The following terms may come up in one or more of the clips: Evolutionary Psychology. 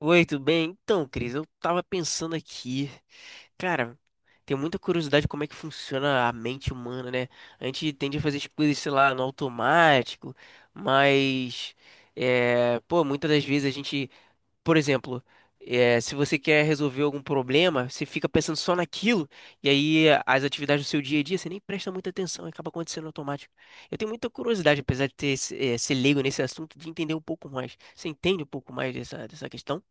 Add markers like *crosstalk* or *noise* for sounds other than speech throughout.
Oi, tudo bem? Então, Cris, eu tava pensando aqui, cara, tenho muita curiosidade como é que funciona a mente humana, né? A gente tende a fazer as coisas, sei lá, no automático, mas, pô, muitas das vezes a gente, por exemplo, se você quer resolver algum problema, você fica pensando só naquilo, e aí as atividades do seu dia a dia, você nem presta muita atenção, e acaba acontecendo automático. Eu tenho muita curiosidade, apesar de ter, ser leigo nesse assunto, de entender um pouco mais. Você entende um pouco mais dessa questão?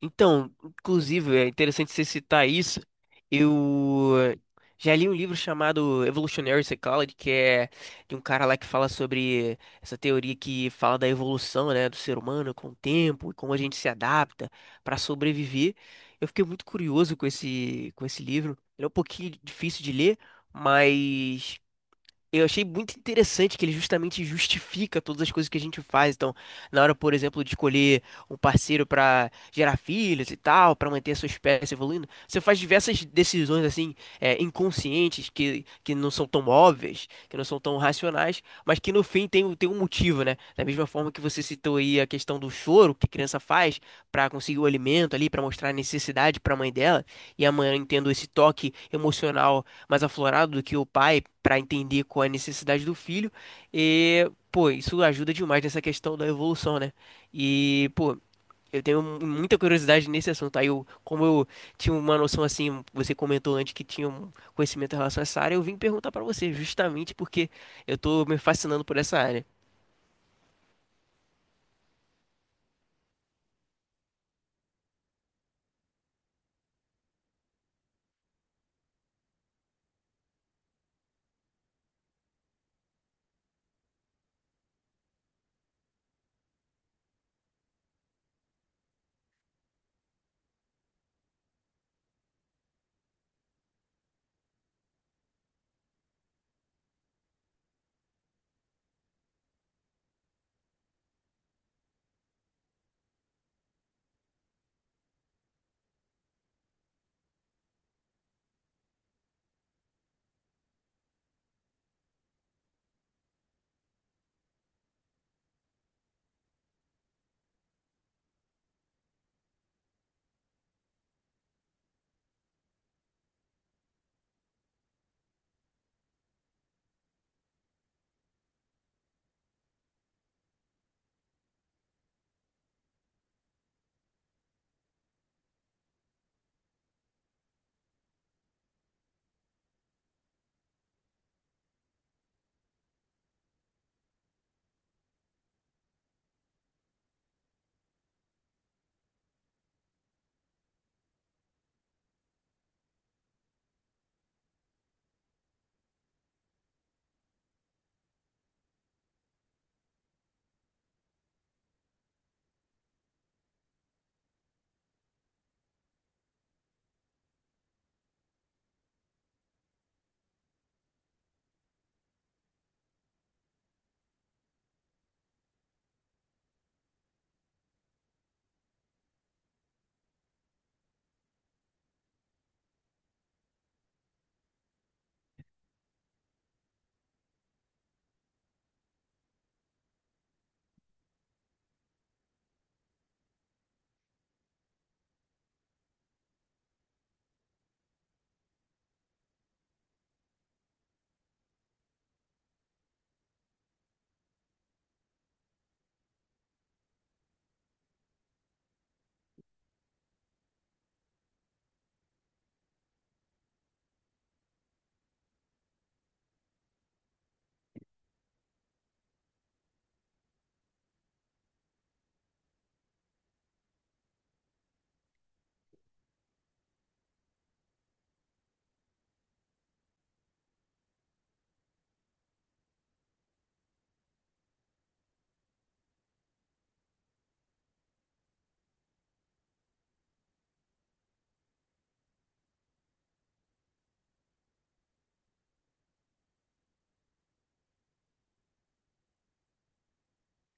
Então, inclusive, é interessante você citar isso. Eu já li um livro chamado Evolutionary Psychology, que é de um cara lá que fala sobre essa teoria que fala da evolução, né, do ser humano com o tempo e como a gente se adapta para sobreviver. Eu fiquei muito curioso com com esse livro. Ele é um pouquinho difícil de ler, mas eu achei muito interessante que ele justamente justifica todas as coisas que a gente faz. Então, na hora, por exemplo, de escolher um parceiro para gerar filhos e tal, para manter a sua espécie evoluindo, você faz diversas decisões assim, inconscientes que não são tão óbvias, que não são tão racionais, mas que no fim tem, tem um motivo, né? Da mesma forma que você citou aí a questão do choro que a criança faz para conseguir o alimento ali, para mostrar a necessidade para a mãe dela, e a mãe tendo esse toque emocional mais aflorado do que o pai para entender qual é a necessidade do filho. E, pô, isso ajuda demais nessa questão da evolução, né? E, pô, eu tenho muita curiosidade nesse assunto. Aí, eu, como eu tinha uma noção assim, você comentou antes que tinha um conhecimento em relação a essa área, eu vim perguntar para você, justamente porque eu tô me fascinando por essa área.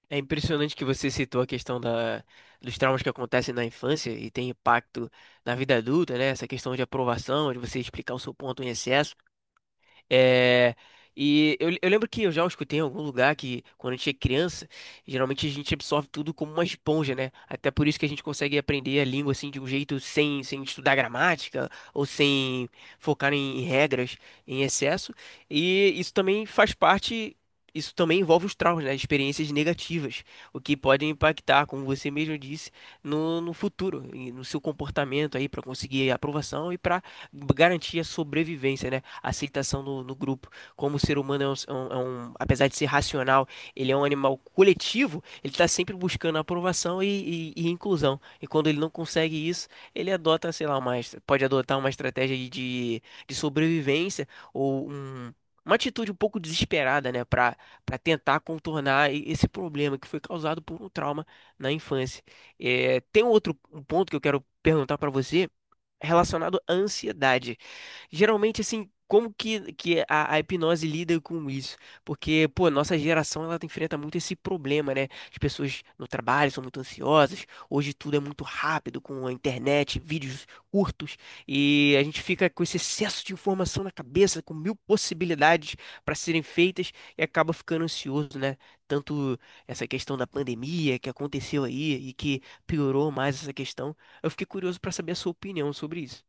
É impressionante que você citou a questão dos traumas que acontecem na infância e tem impacto na vida adulta, né? Essa questão de aprovação, de você explicar o seu ponto em excesso. É, e eu lembro que eu já escutei em algum lugar que quando a gente é criança, geralmente a gente absorve tudo como uma esponja, né? Até por isso que a gente consegue aprender a língua assim de um jeito sem estudar gramática ou sem focar em regras em excesso. E isso também faz parte, isso também envolve os traumas, né? Experiências negativas, o que pode impactar, como você mesmo disse, no futuro, e no seu comportamento aí para conseguir aprovação e para garantir a sobrevivência, né? Aceitação no grupo. Como o ser humano é apesar de ser racional, ele é um animal coletivo, ele está sempre buscando aprovação e inclusão. E quando ele não consegue isso, ele adota, sei lá, pode adotar uma estratégia de, de sobrevivência ou uma atitude um pouco desesperada, né, para para tentar contornar esse problema que foi causado por um trauma na infância. É, tem um outro um ponto que eu quero perguntar para você relacionado à ansiedade. Geralmente, assim, como que a hipnose lida com isso? Porque, pô, nossa geração, ela enfrenta muito esse problema, né? As pessoas no trabalho são muito ansiosas, hoje tudo é muito rápido, com a internet, vídeos curtos, e a gente fica com esse excesso de informação na cabeça, com mil possibilidades para serem feitas, e acaba ficando ansioso, né? Tanto essa questão da pandemia que aconteceu aí e que piorou mais essa questão. Eu fiquei curioso pra saber a sua opinião sobre isso.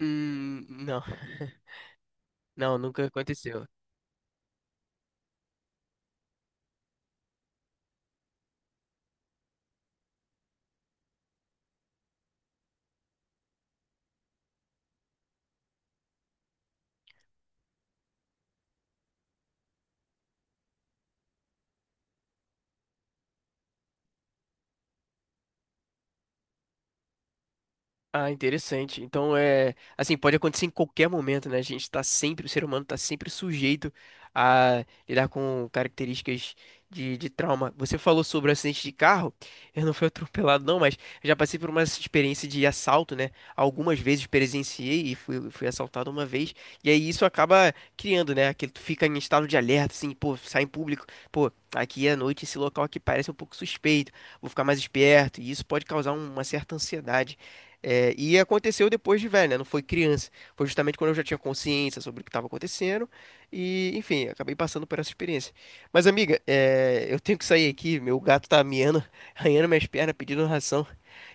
Não. *laughs* Não, nunca aconteceu. Ah, interessante. Então é assim, pode acontecer em qualquer momento, né? A gente tá sempre, o ser humano tá sempre sujeito a lidar com características de trauma. Você falou sobre o acidente de carro, eu não fui atropelado, não, mas eu já passei por uma experiência de assalto, né? Algumas vezes presenciei e fui assaltado uma vez. E aí isso acaba criando, né? Que tu fica em estado de alerta, assim, pô, sai em público, pô, aqui à noite esse local aqui parece um pouco suspeito, vou ficar mais esperto, e isso pode causar uma certa ansiedade. É, e aconteceu depois de velho, né? Não foi criança. Foi justamente quando eu já tinha consciência sobre o que estava acontecendo. E, enfim, acabei passando por essa experiência. Mas, amiga, eu tenho que sair aqui. Meu gato tá miando, *laughs* arranhando minhas pernas, pedindo ração.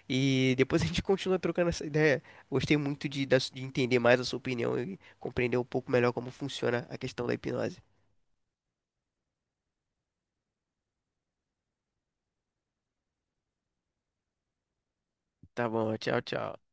E depois a gente continua trocando essa ideia. Gostei muito da de entender mais a sua opinião e compreender um pouco melhor como funciona a questão da hipnose. Tá bom, tchau, tchau.